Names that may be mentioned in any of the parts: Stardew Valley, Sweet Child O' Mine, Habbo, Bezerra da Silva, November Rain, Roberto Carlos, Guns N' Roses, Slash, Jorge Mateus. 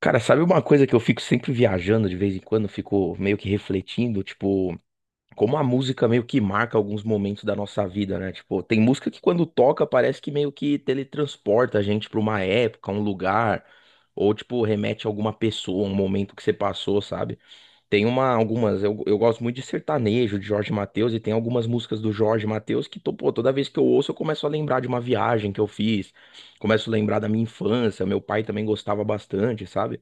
Cara, sabe uma coisa que eu fico sempre viajando de vez em quando, eu fico meio que refletindo, tipo, como a música meio que marca alguns momentos da nossa vida, né? Tipo, tem música que quando toca parece que meio que teletransporta a gente pra uma época, um lugar, ou tipo, remete a alguma pessoa, um momento que você passou, sabe? Tem uma, algumas, eu gosto muito de sertanejo, de Jorge Mateus, e tem algumas músicas do Jorge Mateus que, pô, toda vez que eu ouço eu começo a lembrar de uma viagem que eu fiz, começo a lembrar da minha infância, meu pai também gostava bastante, sabe?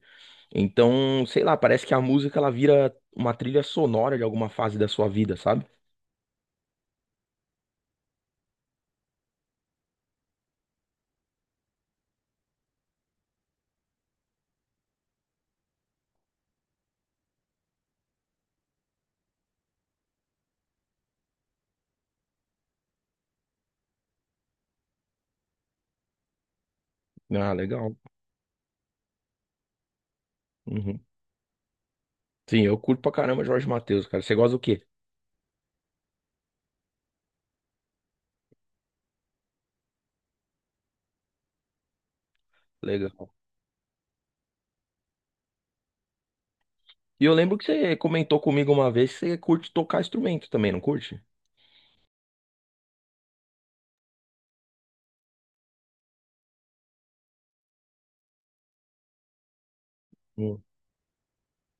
Então, sei lá, parece que a música ela vira uma trilha sonora de alguma fase da sua vida, sabe? Ah, legal. Uhum. Sim, eu curto pra caramba Jorge Mateus, cara. Você gosta do quê? Legal. E eu lembro que você comentou comigo uma vez que você curte tocar instrumento também, não curte? Hum.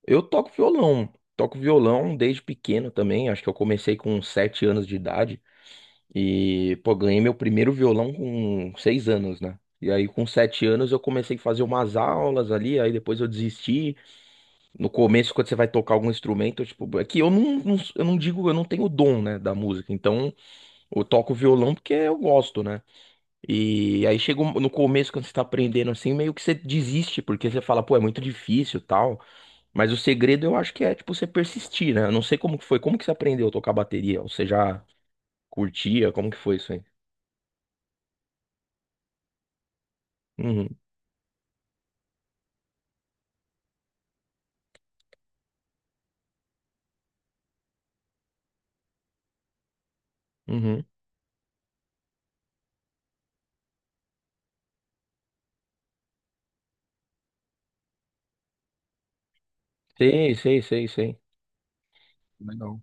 Eu toco violão. Toco violão desde pequeno também. Acho que eu comecei com uns 7 anos de idade. E, pô, ganhei meu primeiro violão com 6 anos, né? E aí, com 7 anos, eu comecei a fazer umas aulas ali. Aí depois eu desisti. No começo, quando você vai tocar algum instrumento, tipo, é que eu eu não digo, eu não tenho dom, né, da música. Então, eu toco violão porque eu gosto, né? E aí chega no começo, quando você tá aprendendo assim, meio que você desiste, porque você fala, pô, é muito difícil, tal. Mas o segredo eu acho que é, tipo, você persistir, né? Eu não sei como que foi, como que você aprendeu a tocar bateria? Ou você já curtia? Como que foi isso aí? Uhum, uhum. Sei, sei, sei, sei. Legal.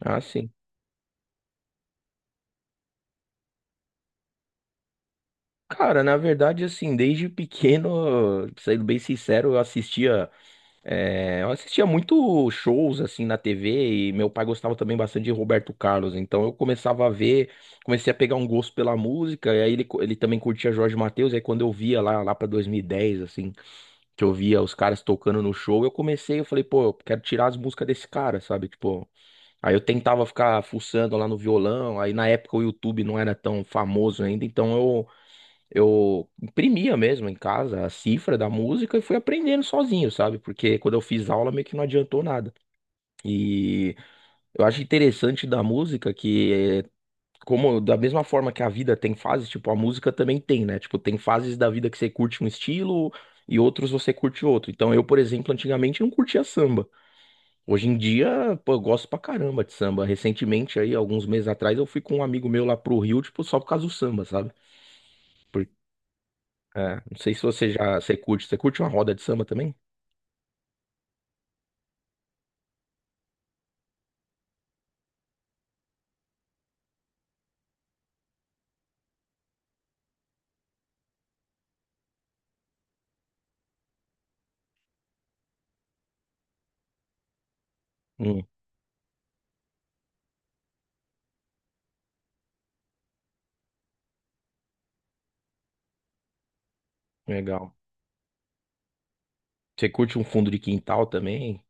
Ah, sim. Cara, na verdade, assim, desde pequeno, sendo bem sincero, eu assistia. É, eu assistia muito shows assim na TV e meu pai gostava também bastante de Roberto Carlos, então eu começava a ver, comecei a pegar um gosto pela música, e aí ele, ele também curtia Jorge Mateus, e aí quando eu via lá, lá para 2010 assim, que eu via os caras tocando no show, eu comecei, eu falei, pô, eu quero tirar as músicas desse cara, sabe? Tipo, aí eu tentava ficar fuçando lá no violão, aí na época o YouTube não era tão famoso ainda, então eu imprimia mesmo em casa a cifra da música e fui aprendendo sozinho, sabe? Porque quando eu fiz aula meio que não adiantou nada. E eu acho interessante da música que é como da mesma forma que a vida tem fases, tipo, a música também tem, né? Tipo, tem fases da vida que você curte um estilo e outros você curte outro. Então, eu, por exemplo, antigamente não curtia samba. Hoje em dia, pô, eu gosto pra caramba de samba. Recentemente aí, alguns meses atrás, eu fui com um amigo meu lá pro Rio, tipo, só por causa do samba, sabe? É, não sei se você já, você curte uma roda de samba também? Hum, legal. Você curte um fundo de quintal também?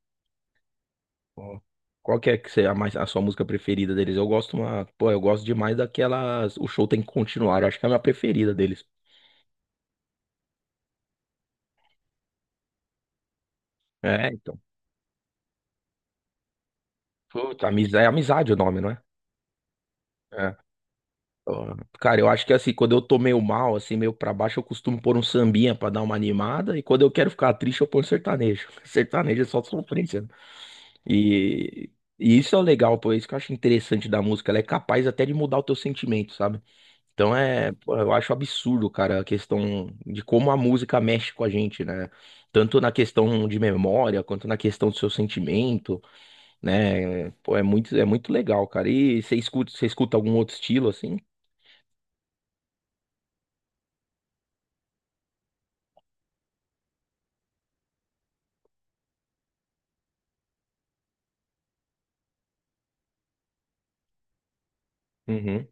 Ó, qual que é que você, a, mais, a sua música preferida deles? Eu gosto demais daquelas, o show tem que continuar, eu acho que é a minha preferida deles. É, então. Puta, amizade, é amizade o nome, não é? É. Ó, cara, eu acho que assim, quando eu tô meio mal, assim, meio pra baixo, eu costumo pôr um sambinha pra dar uma animada, e quando eu quero ficar triste, eu ponho sertanejo. Sertanejo é só sofrência. E, e isso é o legal, pô, é isso que eu acho interessante da música, ela é capaz até de mudar o teu sentimento, sabe? Então é, pô, eu acho absurdo, cara, a questão de como a música mexe com a gente, né? Tanto na questão de memória, quanto na questão do seu sentimento, né? Pô, é muito legal, cara. E você escuta, algum outro estilo, assim? Uhum.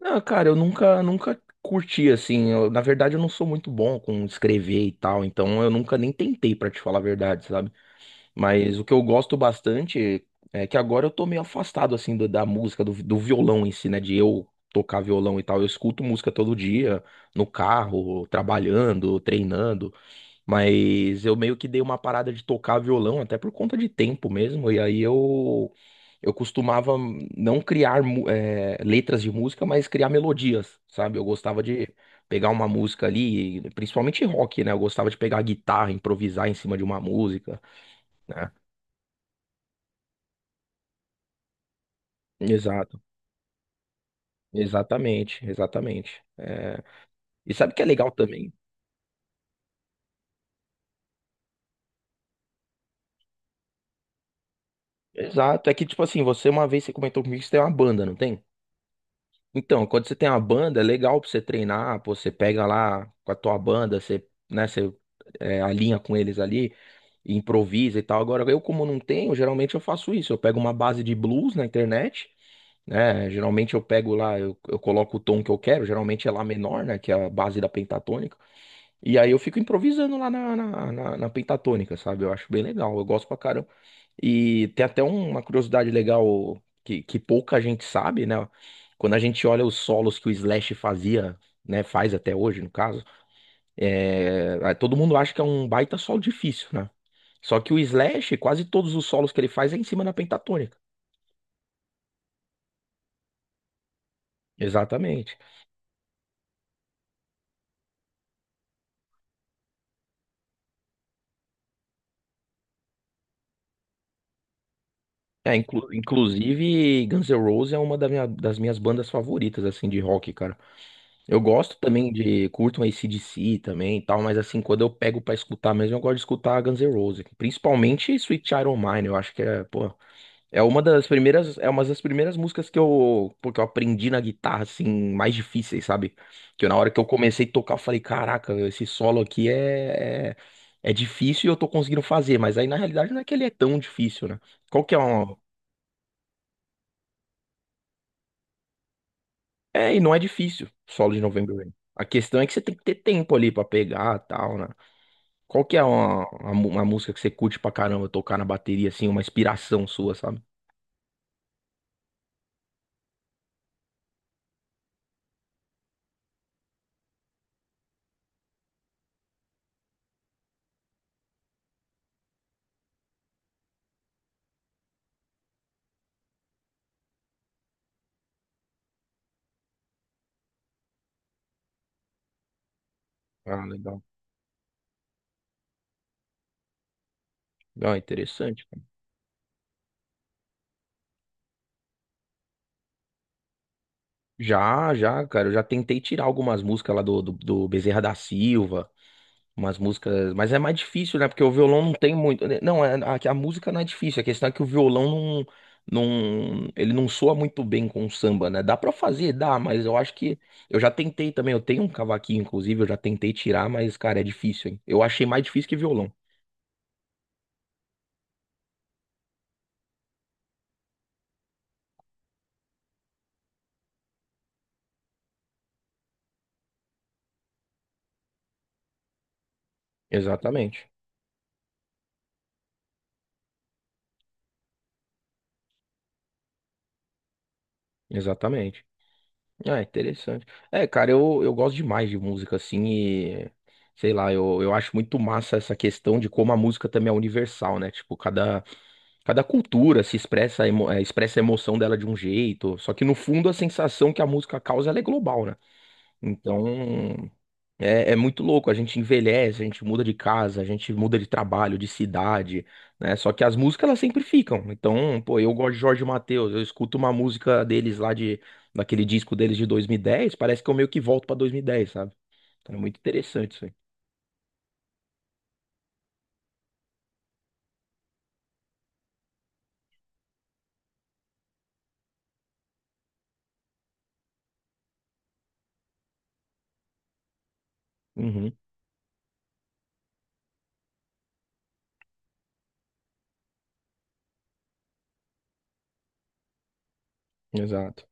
Não, cara, eu nunca, nunca curti, assim. Na verdade, eu não sou muito bom com escrever e tal, então eu nunca nem tentei, pra te falar a verdade, sabe? Mas o que eu gosto bastante é que agora eu tô meio afastado, assim, da música, do violão em si, né? De eu tocar violão e tal. Eu escuto música todo dia, no carro, trabalhando, treinando. Mas eu meio que dei uma parada de tocar violão, até por conta de tempo mesmo. E aí eu costumava não criar, letras de música, mas criar melodias, sabe? Eu gostava de. Pegar uma música ali, principalmente rock, né? Eu gostava de pegar a guitarra, improvisar em cima de uma música. Né? Exato, exatamente, exatamente. É, e sabe o que é legal também? Exato, é que tipo assim, você uma vez você comentou comigo que você tem uma banda, não tem? Então, quando você tem uma banda, é legal pra você treinar, pô, você pega lá com a tua banda, você alinha com eles ali, e improvisa e tal. Agora, eu como não tenho, geralmente eu faço isso, eu pego uma base de blues na internet, né, geralmente eu pego lá, eu coloco o tom que eu quero, geralmente é lá menor, né, que é a base da pentatônica. E aí eu fico improvisando lá na, pentatônica, sabe? Eu acho bem legal, eu gosto pra caramba. E tem até uma curiosidade legal que pouca gente sabe, né? Quando a gente olha os solos que o Slash fazia, né? Faz até hoje, no caso, é, todo mundo acha que é um baita solo difícil, né? Só que o Slash, quase todos os solos que ele faz é em cima da pentatônica. Exatamente. É, inclusive, Guns N' Roses é uma das minhas bandas favoritas, assim, de rock, cara. Eu gosto também de, curto um DC também e tal, mas assim, quando eu pego pra escutar mesmo, eu gosto de escutar Guns N' Roses, principalmente Sweet Child O' Mine, eu acho que é, pô, é uma das primeiras músicas que eu, porque eu aprendi na guitarra, assim, mais difíceis, sabe? Que eu, na hora que eu comecei a tocar, eu falei, caraca, esse solo aqui é difícil e eu tô conseguindo fazer, mas aí na realidade não é que ele é tão difícil, né? Qual que é uma... É, e não é difícil, solo de November Rain. A questão é que você tem que ter tempo ali pra pegar, tal, né? Qual que é uma música que você curte pra caramba tocar na bateria, assim, uma inspiração sua, sabe? Ah, legal. Ah, interessante, cara. Já, já, cara, eu já tentei tirar algumas músicas lá do Bezerra da Silva, umas músicas, mas é mais difícil, né? Porque o violão não tem muito. Né? Não, a música não é difícil, a questão é que o violão não, não. Ele não soa muito bem com o samba, né? Dá pra fazer, dá, mas eu acho que. Eu já tentei também, eu tenho um cavaquinho, inclusive, eu já tentei tirar, mas, cara, é difícil, hein? Eu achei mais difícil que violão. Exatamente. Exatamente. Ah, interessante. É, cara, eu gosto demais de música, assim, e sei lá, eu acho muito massa essa questão de como a música também é universal, né? Tipo, cada cultura se expressa, expressa a emoção dela de um jeito, só que no fundo a sensação que a música causa ela é global, né? Então, é muito louco, a gente envelhece, a gente muda de casa, a gente muda de trabalho, de cidade, né? Só que as músicas elas sempre ficam. Então, pô, eu gosto de Jorge Mateus, eu escuto uma música deles lá de daquele disco deles de 2010. Parece que eu meio que volto pra 2010, sabe? Então é muito interessante isso aí. Uhum, exato.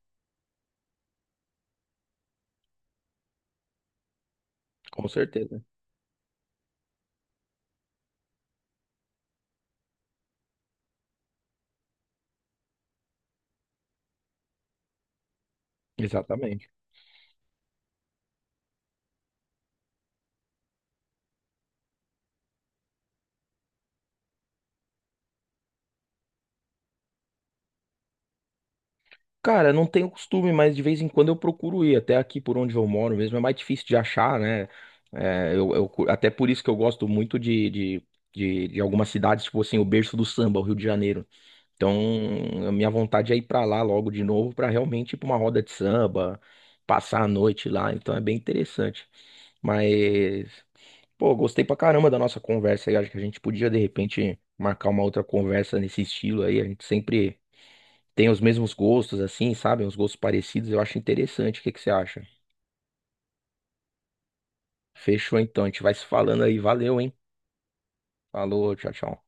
Com certeza. Exatamente. Cara, não tenho costume, mas de vez em quando eu procuro ir até aqui por onde eu moro mesmo. É mais difícil de achar, né? É, eu até por isso que eu gosto muito de, algumas cidades, tipo assim, o berço do samba, o Rio de Janeiro. Então, a minha vontade é ir pra lá logo de novo, pra realmente ir pra uma roda de samba, passar a noite lá. Então, é bem interessante. Mas, pô, gostei pra caramba da nossa conversa aí. Acho que a gente podia, de repente, marcar uma outra conversa nesse estilo aí. A gente sempre tem os mesmos gostos, assim, sabe? Uns gostos parecidos, eu acho interessante. O que que você acha? Fechou então, a gente vai se falando aí. Valeu, hein? Falou, tchau, tchau.